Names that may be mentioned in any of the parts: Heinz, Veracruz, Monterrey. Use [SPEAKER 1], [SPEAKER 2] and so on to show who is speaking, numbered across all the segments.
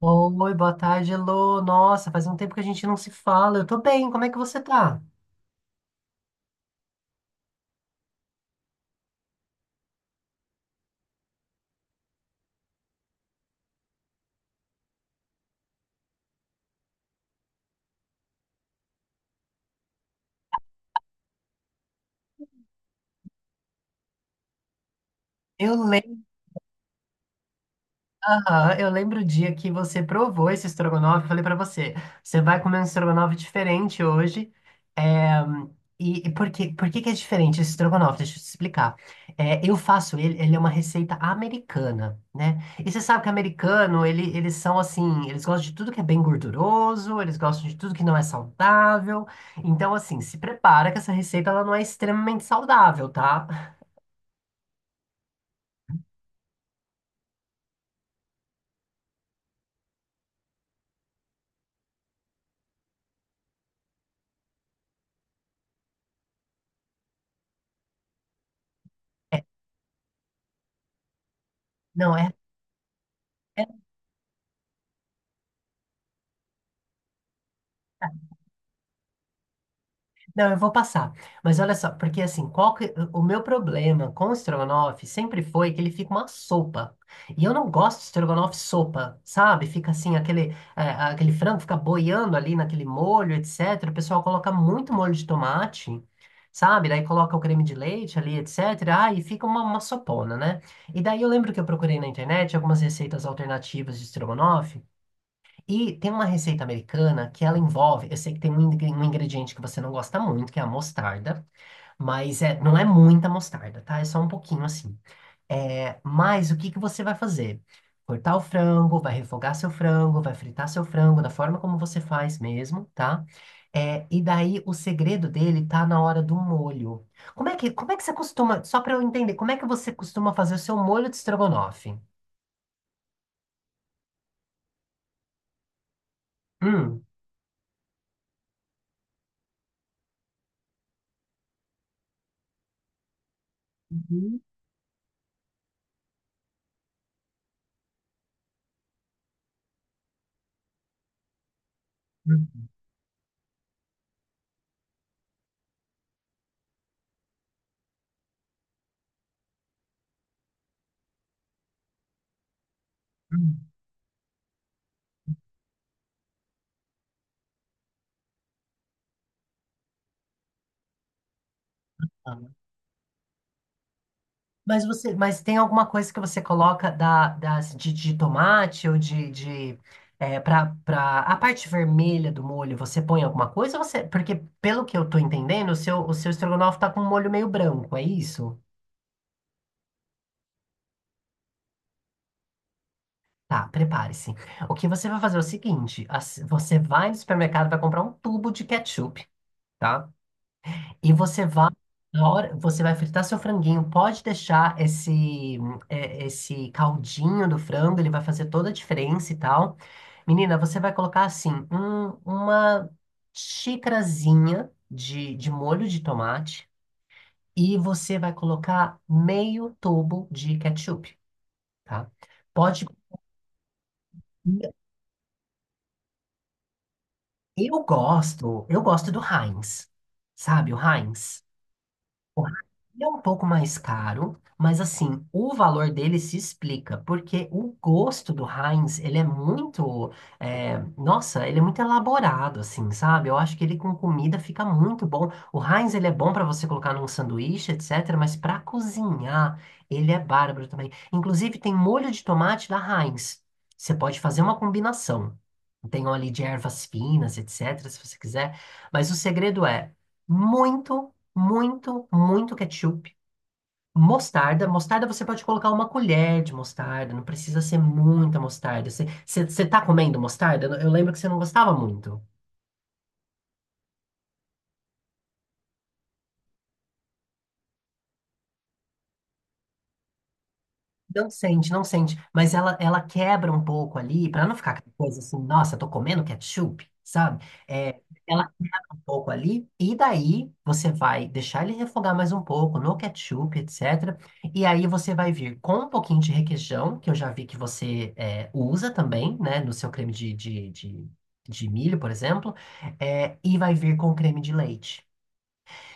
[SPEAKER 1] Oi, boa tarde, Lô. Nossa, faz um tempo que a gente não se fala. Eu tô bem, como é que você tá? Eu Aham, eu lembro o dia que você provou esse estrogonofe, eu falei pra você, você vai comer um estrogonofe diferente hoje, é, e por que que é diferente esse estrogonofe? Deixa eu te explicar. Eu faço ele é uma receita americana, né? E você sabe que americano, eles são assim, eles gostam de tudo que é bem gorduroso, eles gostam de tudo que não é saudável, então assim, se prepara que essa receita ela não é extremamente saudável, tá? Não, é. é Não, eu vou passar. Mas olha só, porque assim, o meu problema com o estrogonofe sempre foi que ele fica uma sopa. E eu não gosto de estrogonofe sopa, sabe? Fica assim, aquele frango fica boiando ali naquele molho, etc. O pessoal coloca muito molho de tomate, sabe? Daí coloca o creme de leite ali, etc. Ah, e fica uma sopona, né? E daí eu lembro que eu procurei na internet algumas receitas alternativas de estrogonofe. E tem uma receita americana que ela envolve, eu sei que tem um um ingrediente que você não gosta muito, que é a mostarda, mas não é muita mostarda, tá? É só um pouquinho assim. É, mas o que que você vai fazer? Cortar o frango, vai refogar seu frango, vai fritar seu frango da forma como você faz mesmo, tá? É, e daí o segredo dele tá na hora do molho. Como é que você costuma, só para eu entender, como é que você costuma fazer o seu molho de estrogonofe? Hum. Uhum. Hum, hum. Mas você, mas tem alguma coisa que você coloca de tomate ou de é, para a parte vermelha do molho, você põe alguma coisa? Ou você, porque pelo que eu tô entendendo, o seu estrogonofe tá com um molho meio branco, é isso? Tá, prepare-se. O que você vai fazer é o seguinte, você vai no supermercado, vai comprar um tubo de ketchup, tá? E você vai, na hora, você vai fritar seu franguinho, pode deixar esse caldinho do frango, ele vai fazer toda a diferença e tal. Menina, você vai colocar assim, uma xicrazinha de molho de tomate e você vai colocar meio tubo de ketchup, tá? Pode. Eu gosto do Heinz, sabe, o Heinz? É um pouco mais caro, mas assim, o valor dele se explica, porque o gosto do Heinz, ele é muito, é, nossa, ele é muito elaborado, assim, sabe? Eu acho que ele com comida fica muito bom. O Heinz, ele é bom para você colocar num sanduíche, etc., mas para cozinhar, ele é bárbaro também. Inclusive, tem molho de tomate da Heinz. Você pode fazer uma combinação. Tem óleo de ervas finas, etc., se você quiser. Mas o segredo é muito muito, muito ketchup. Mostarda você pode colocar uma colher de mostarda, não precisa ser muita mostarda. Você tá comendo mostarda? Eu lembro que você não gostava muito. Não sente, não sente. Mas ela quebra um pouco ali, para não ficar aquela coisa assim, nossa, tô comendo ketchup, sabe? É, ela quebra um pouco ali, e daí você vai deixar ele refogar mais um pouco no ketchup, etc. E aí você vai vir com um pouquinho de requeijão, que eu já vi que usa também, né, no seu creme de milho, por exemplo, é, e vai vir com creme de leite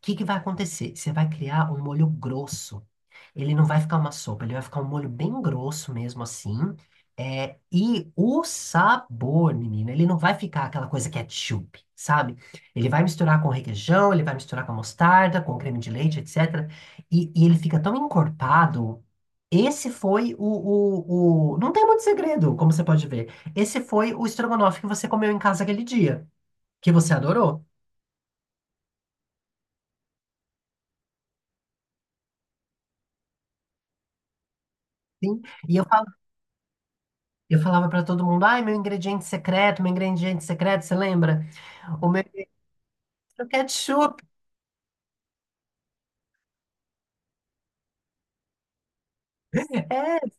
[SPEAKER 1] que vai acontecer? Você vai criar um molho grosso. Ele não vai ficar uma sopa, ele vai ficar um molho bem grosso mesmo assim. É, e o sabor, menina, ele não vai ficar aquela coisa ketchup, sabe? Ele vai misturar com requeijão, ele vai misturar com mostarda, com creme de leite, etc. E ele fica tão encorpado. Esse foi o. Não tem muito segredo, como você pode ver. Esse foi o estrogonofe que você comeu em casa aquele dia, que você adorou. Sim. E eu Eu falava para todo mundo, ai, meu ingrediente secreto, você lembra? O meu é o ketchup. É.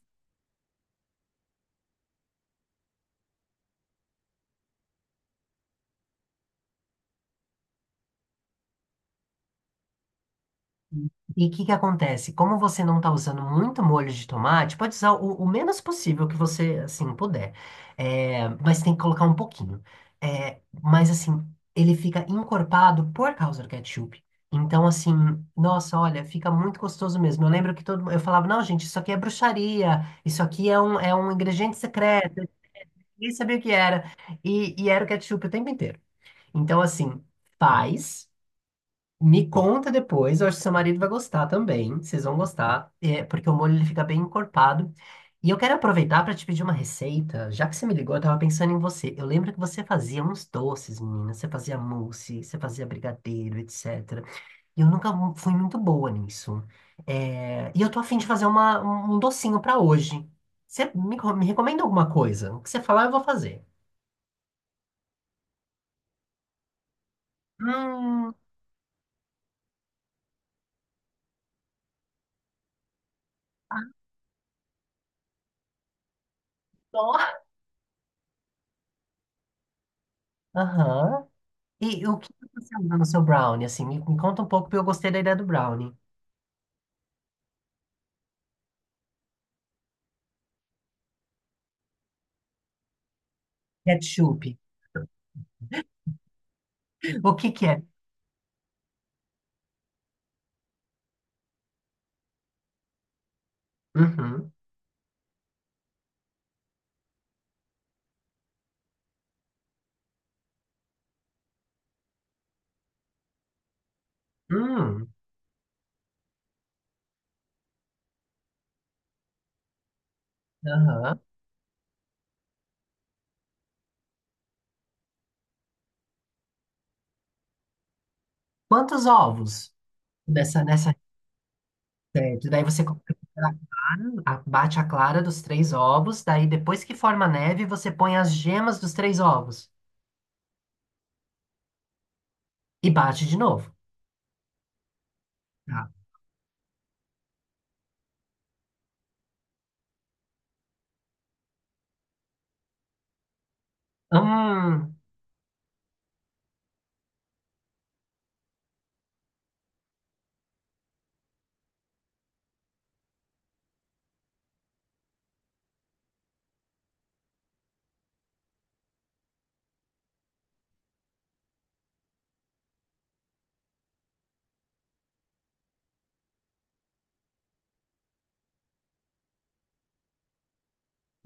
[SPEAKER 1] E o que que acontece? Como você não está usando muito molho de tomate, pode usar o menos possível que você, assim, puder. É, mas tem que colocar um pouquinho. É, mas, assim, ele fica encorpado por causa do ketchup. Então, assim, nossa, olha, fica muito gostoso mesmo. Eu lembro que todo mundo, eu falava, não, gente, isso aqui é bruxaria, isso aqui é é um ingrediente secreto. Nem sabia o que era. E era o ketchup o tempo inteiro. Então, assim, faz. Me conta depois. Eu acho que seu marido vai gostar também. Vocês vão gostar. É, porque o molho ele fica bem encorpado. E eu quero aproveitar para te pedir uma receita. Já que você me ligou, eu tava pensando em você. Eu lembro que você fazia uns doces, menina. Você fazia mousse, você fazia brigadeiro, etc. E eu nunca fui muito boa nisso. É, e eu tô afim de fazer uma, um um docinho para hoje. Você me recomenda alguma coisa? O que você falar, eu vou fazer. Hum. Só. Aham. E o que você usa no seu brownie, assim? Me conta um pouco, porque eu gostei da ideia do brownie. Ketchup. O que que é? Uhum. Hum, aham. Quantos ovos nessa receita? Daí você bate a clara dos 3 ovos, daí depois que forma a neve, você põe as gemas dos 3 ovos e bate de novo. Tá. Hum,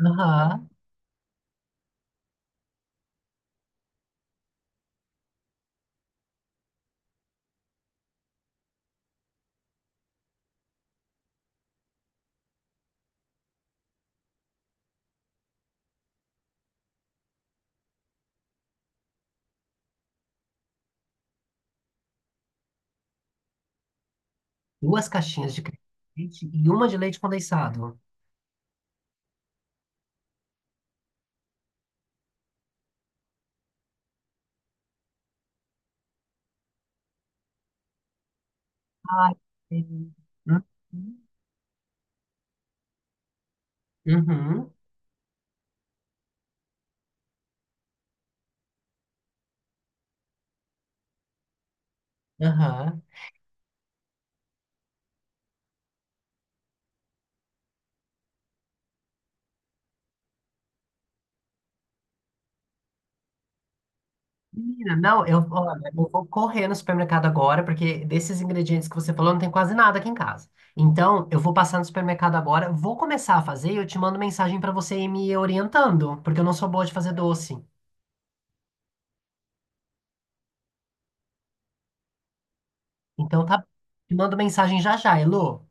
[SPEAKER 1] aham. Duas caixinhas de creme de leite e uma de leite condensado. Ai, hum. Uhum, aham. Menina, não, eu, olha, eu vou correr no supermercado agora, porque desses ingredientes que você falou, não tem quase nada aqui em casa. Então, eu vou passar no supermercado agora, vou começar a fazer e eu te mando mensagem para você ir me orientando, porque eu não sou boa de fazer doce. Então, tá, te mando mensagem já já, Elo.